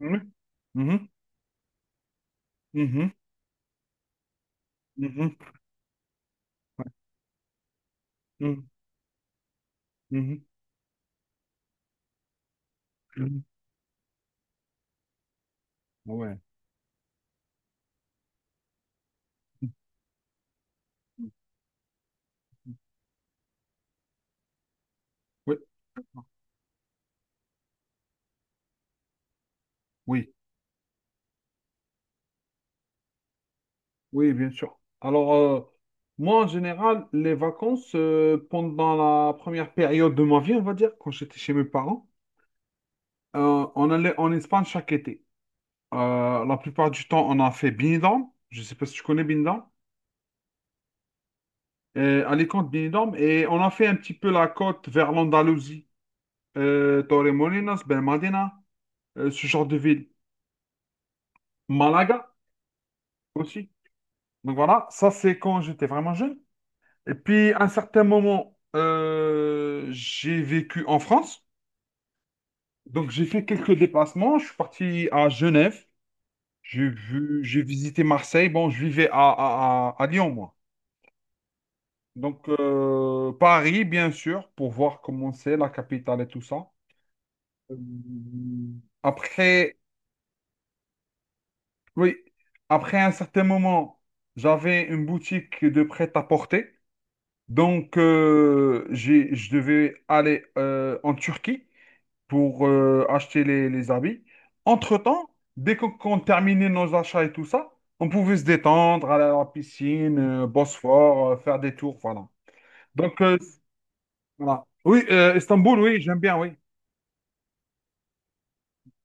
Ouais. Mhm. Mhm. Mhm. Ouais. Mhm. Mhm. Ouais. Oui, oui, oui, bien sûr. Alors, moi, en général, les vacances, pendant la première période de ma vie, on va dire, quand j'étais chez mes parents, on allait en Espagne chaque été. La plupart du temps, on a fait Benidorm. Je ne sais pas si tu connais Benidorm. Alicante, Benidorm. Et on a fait un petit peu la côte vers l'Andalousie. Torremolinos, Benalmádena, ce genre de ville. Malaga aussi. Donc voilà, ça c'est quand j'étais vraiment jeune. Et puis à un certain moment, j'ai vécu en France. Donc j'ai fait quelques déplacements. Je suis parti à Genève. J'ai visité Marseille. Bon, je vivais à Lyon, moi. Donc Paris, bien sûr, pour voir comment c'est, la capitale et tout ça. Euh, Après, oui, après un certain moment, j'avais une boutique de prêt-à-porter. Donc, je devais aller en Turquie pour acheter les habits. Entre-temps, dès qu'on terminait nos achats et tout ça, on pouvait se détendre, aller à la piscine, Bosphore, faire des tours, voilà. Donc, voilà. Oui, Istanbul, oui, j'aime bien, oui.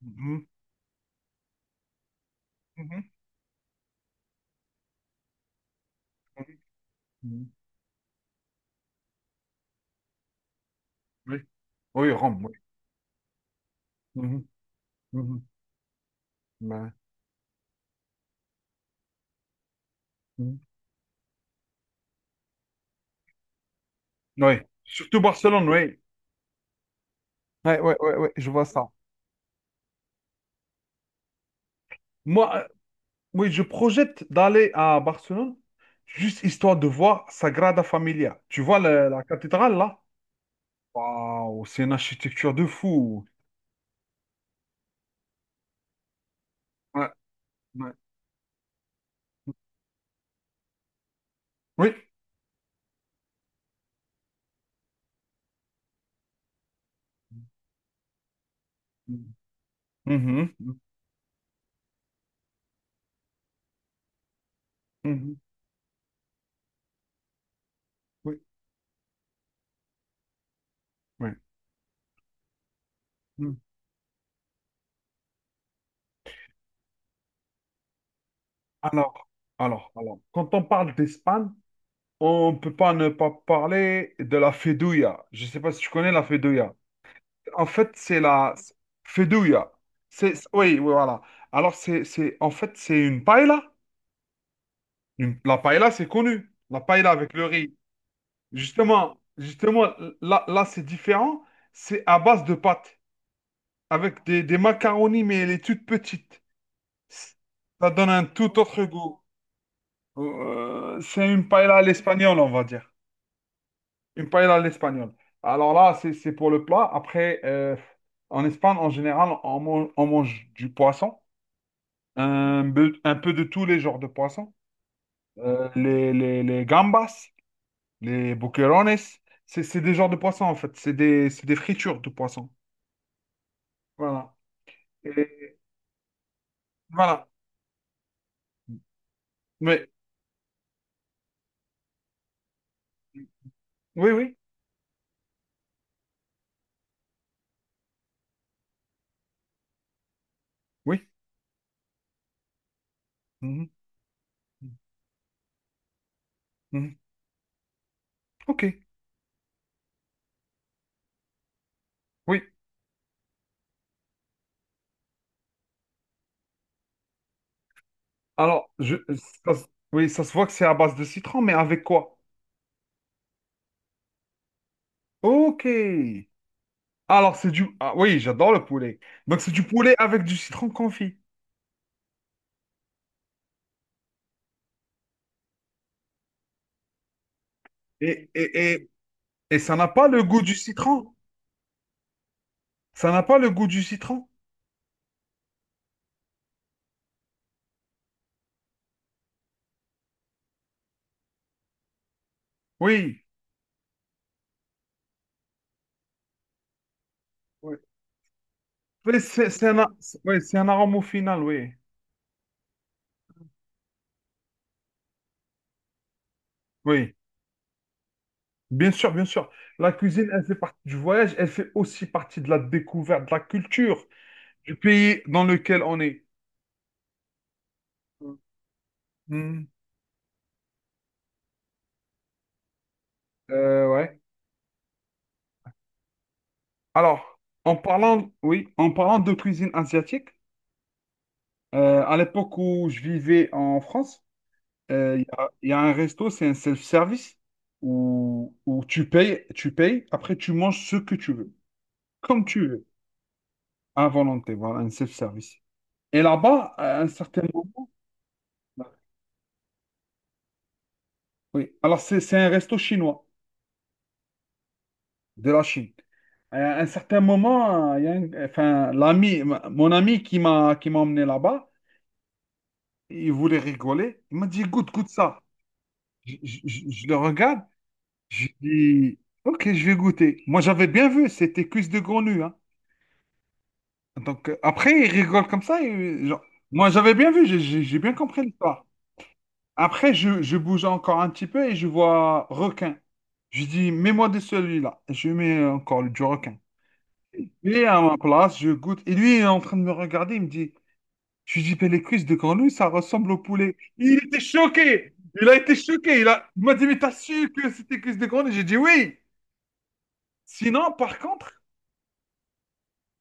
Mhm, mhm, mhm, mhm. Oui, oui, Rome, oui. Mhm, mhm, ouais, mhm. Oui, surtout Barcelone, oui. Ouais, ouais, ouais, ouais, je vois ça. Moi, Oui, je projette d'aller à Barcelone, juste histoire de voir Sagrada Familia. Tu vois la cathédrale là? Waouh, c'est une architecture de fou. Ouais, ouais. Oui. Mhm, mhm. Oui, oui. Mhm. Alors, alors, quand on parle d'Espagne, on ne peut pas ne pas parler de la Fedouilla. Je ne sais pas si tu connais la Fedouilla. En fait, c'est la Fedouilla. C'est, oui, oui, voilà. Alors, c'est une paella. La paella, c'est connu. La paella avec le riz. Justement, justement, là, c'est différent. C'est à base de pâtes, avec des macaronis, mais elle est toute petite. Ça donne un tout autre goût. C'est une paella à l'espagnol, on va dire. Une paella à l'espagnol. Alors là, c'est pour le plat. Après, en Espagne, en général, on mange du poisson, un peu de tous les genres de poissons. Les gambas. Les boquerones, c'est des genres de poissons en fait. C'est des fritures de poissons. Voilà. Et voilà. Mais oui, oui, oui. Mhm. Mhm. Ok. Oui. Alors, je, ça, se- oui, ça se voit que c'est à base de citron, mais avec quoi? Ok. Alors, c'est du. Ah oui, j'adore le poulet. Donc, c'est du poulet avec du citron confit. Et, et, et, et ça n'a pas le goût du citron. Ça n'a pas le goût du citron. Oui. Oui. Oui, c'est un, a- c'est- oui, c'est un arôme au final, oui. Oui. Bien sûr, bien sûr. La cuisine, elle fait partie du voyage, elle fait aussi partie de la découverte, de la culture du pays dans lequel on est. Hmm. Ouais. Alors, en parlant de cuisine asiatique, à l'époque où je vivais en France, il y a un resto, c'est un self-service où tu payes, après tu manges ce que tu veux, comme tu veux, à volonté, voilà, un self-service. Et là-bas, à un certain moment, oui, alors c'est un resto chinois de la Chine. À un certain moment, il y a un- enfin, l'ami, mon ami qui m'a emmené là-bas, il voulait rigoler. Il m'a dit, goûte, goûte ça. Je le regarde, je dis, ok, je vais goûter. Moi, j'avais bien vu, c'était cuisse de grenouille, hein. Donc, après, il rigole comme ça, et, genre, moi, j'avais bien vu, j'ai bien compris l'histoire. Après, je bouge encore un petit peu et je vois requin. Je dis, mets-moi de celui-là. Je lui mets encore du requin. Lui, à ma place, je goûte. Et lui, il est en train de me regarder, il me dit, je lui dis, ben, les cuisses de grenouille, ça ressemble au poulet. Il était choqué. Il a été choqué. Il a... il m'a dit, mais t'as su que c'était cuisses de grenouille? J'ai dit oui. Sinon, par contre,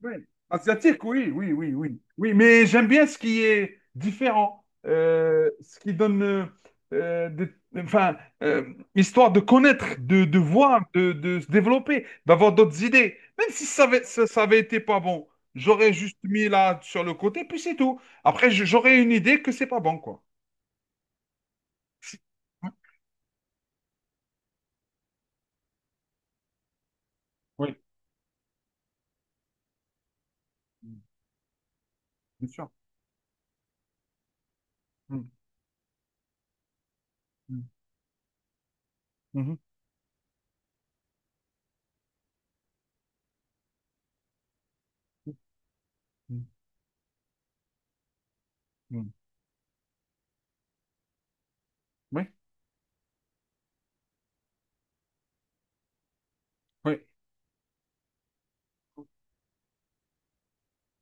oui. Asiatique, oui, oui, oui, oui. Oui, mais j'aime bien ce qui est différent, ce qui donne, des- enfin, histoire de connaître, de voir, de se développer, d'avoir d'autres idées. Même si ça avait été pas bon, j'aurais juste mis là sur le côté, puis c'est tout. Après, j'aurais une idée que c'est pas bon, quoi. Oui, oui. Mm, bien sûr. Mm, mm, mhm, mm, mm. Oui, oui,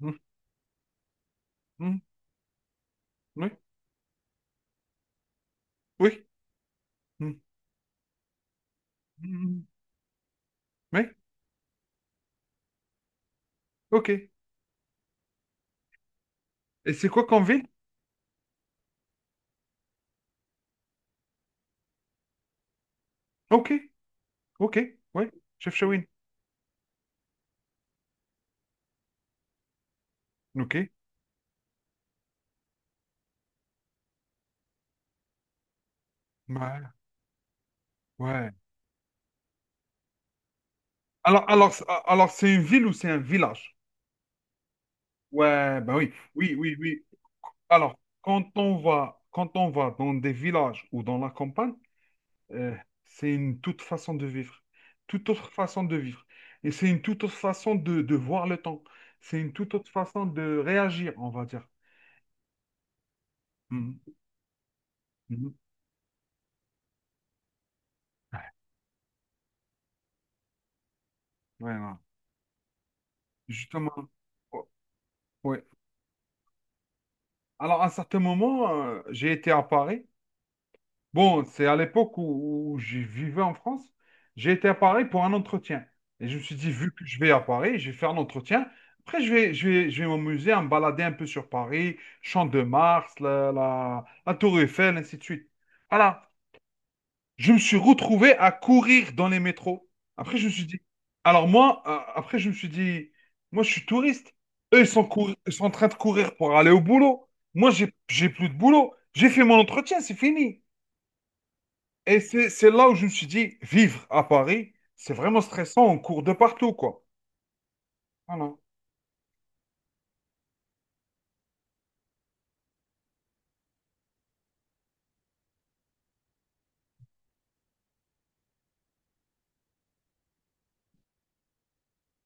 mm, mm, oui, oui, mm, mm, mm, oui, ok. Et c'est quoi comme ville? Ok, ok, ouais, chef Chawin. Ok, ouais, ouais. Alors, c'est une ville ou c'est un village? Ouais, ben oui, oui, oui, oui. Alors, quand on va dans des villages ou dans la campagne, euh, c'est une toute autre façon de vivre. Et c'est une toute autre façon de voir le temps. C'est une toute autre façon de réagir, on va dire. Mhm, mhm. Ouais, voilà. Justement. Oui, alors, à un certain moment, j'ai été à Paris. Bon, c'est à l'époque où je vivais en France. J'ai été à Paris pour un entretien. Et je me suis dit, vu que je vais à Paris, je vais faire un entretien. Après, je vais m'amuser à me balader un peu sur Paris, Champ de Mars, la Tour Eiffel, ainsi de suite. Voilà. Je me suis retrouvé à courir dans les métros. Après, je me suis dit, alors moi, après, je me suis dit, moi, je suis touriste. Eux, ils sont en train de courir pour aller au boulot. Moi, j'ai plus de boulot. J'ai fait mon entretien, c'est fini. Et c'est là où je me suis dit, vivre à Paris, c'est vraiment stressant. On court de partout, quoi. Voilà.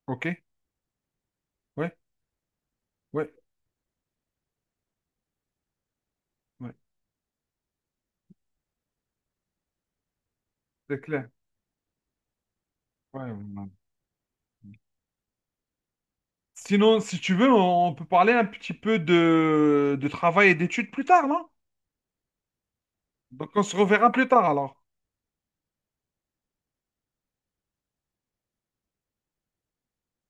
OK. Ouais, ouais, ouais. C'est clair. Ouais, ouais. Sinon, si tu veux, on peut parler un petit peu de travail et d'études plus tard, non? Donc, on se reverra plus tard, alors.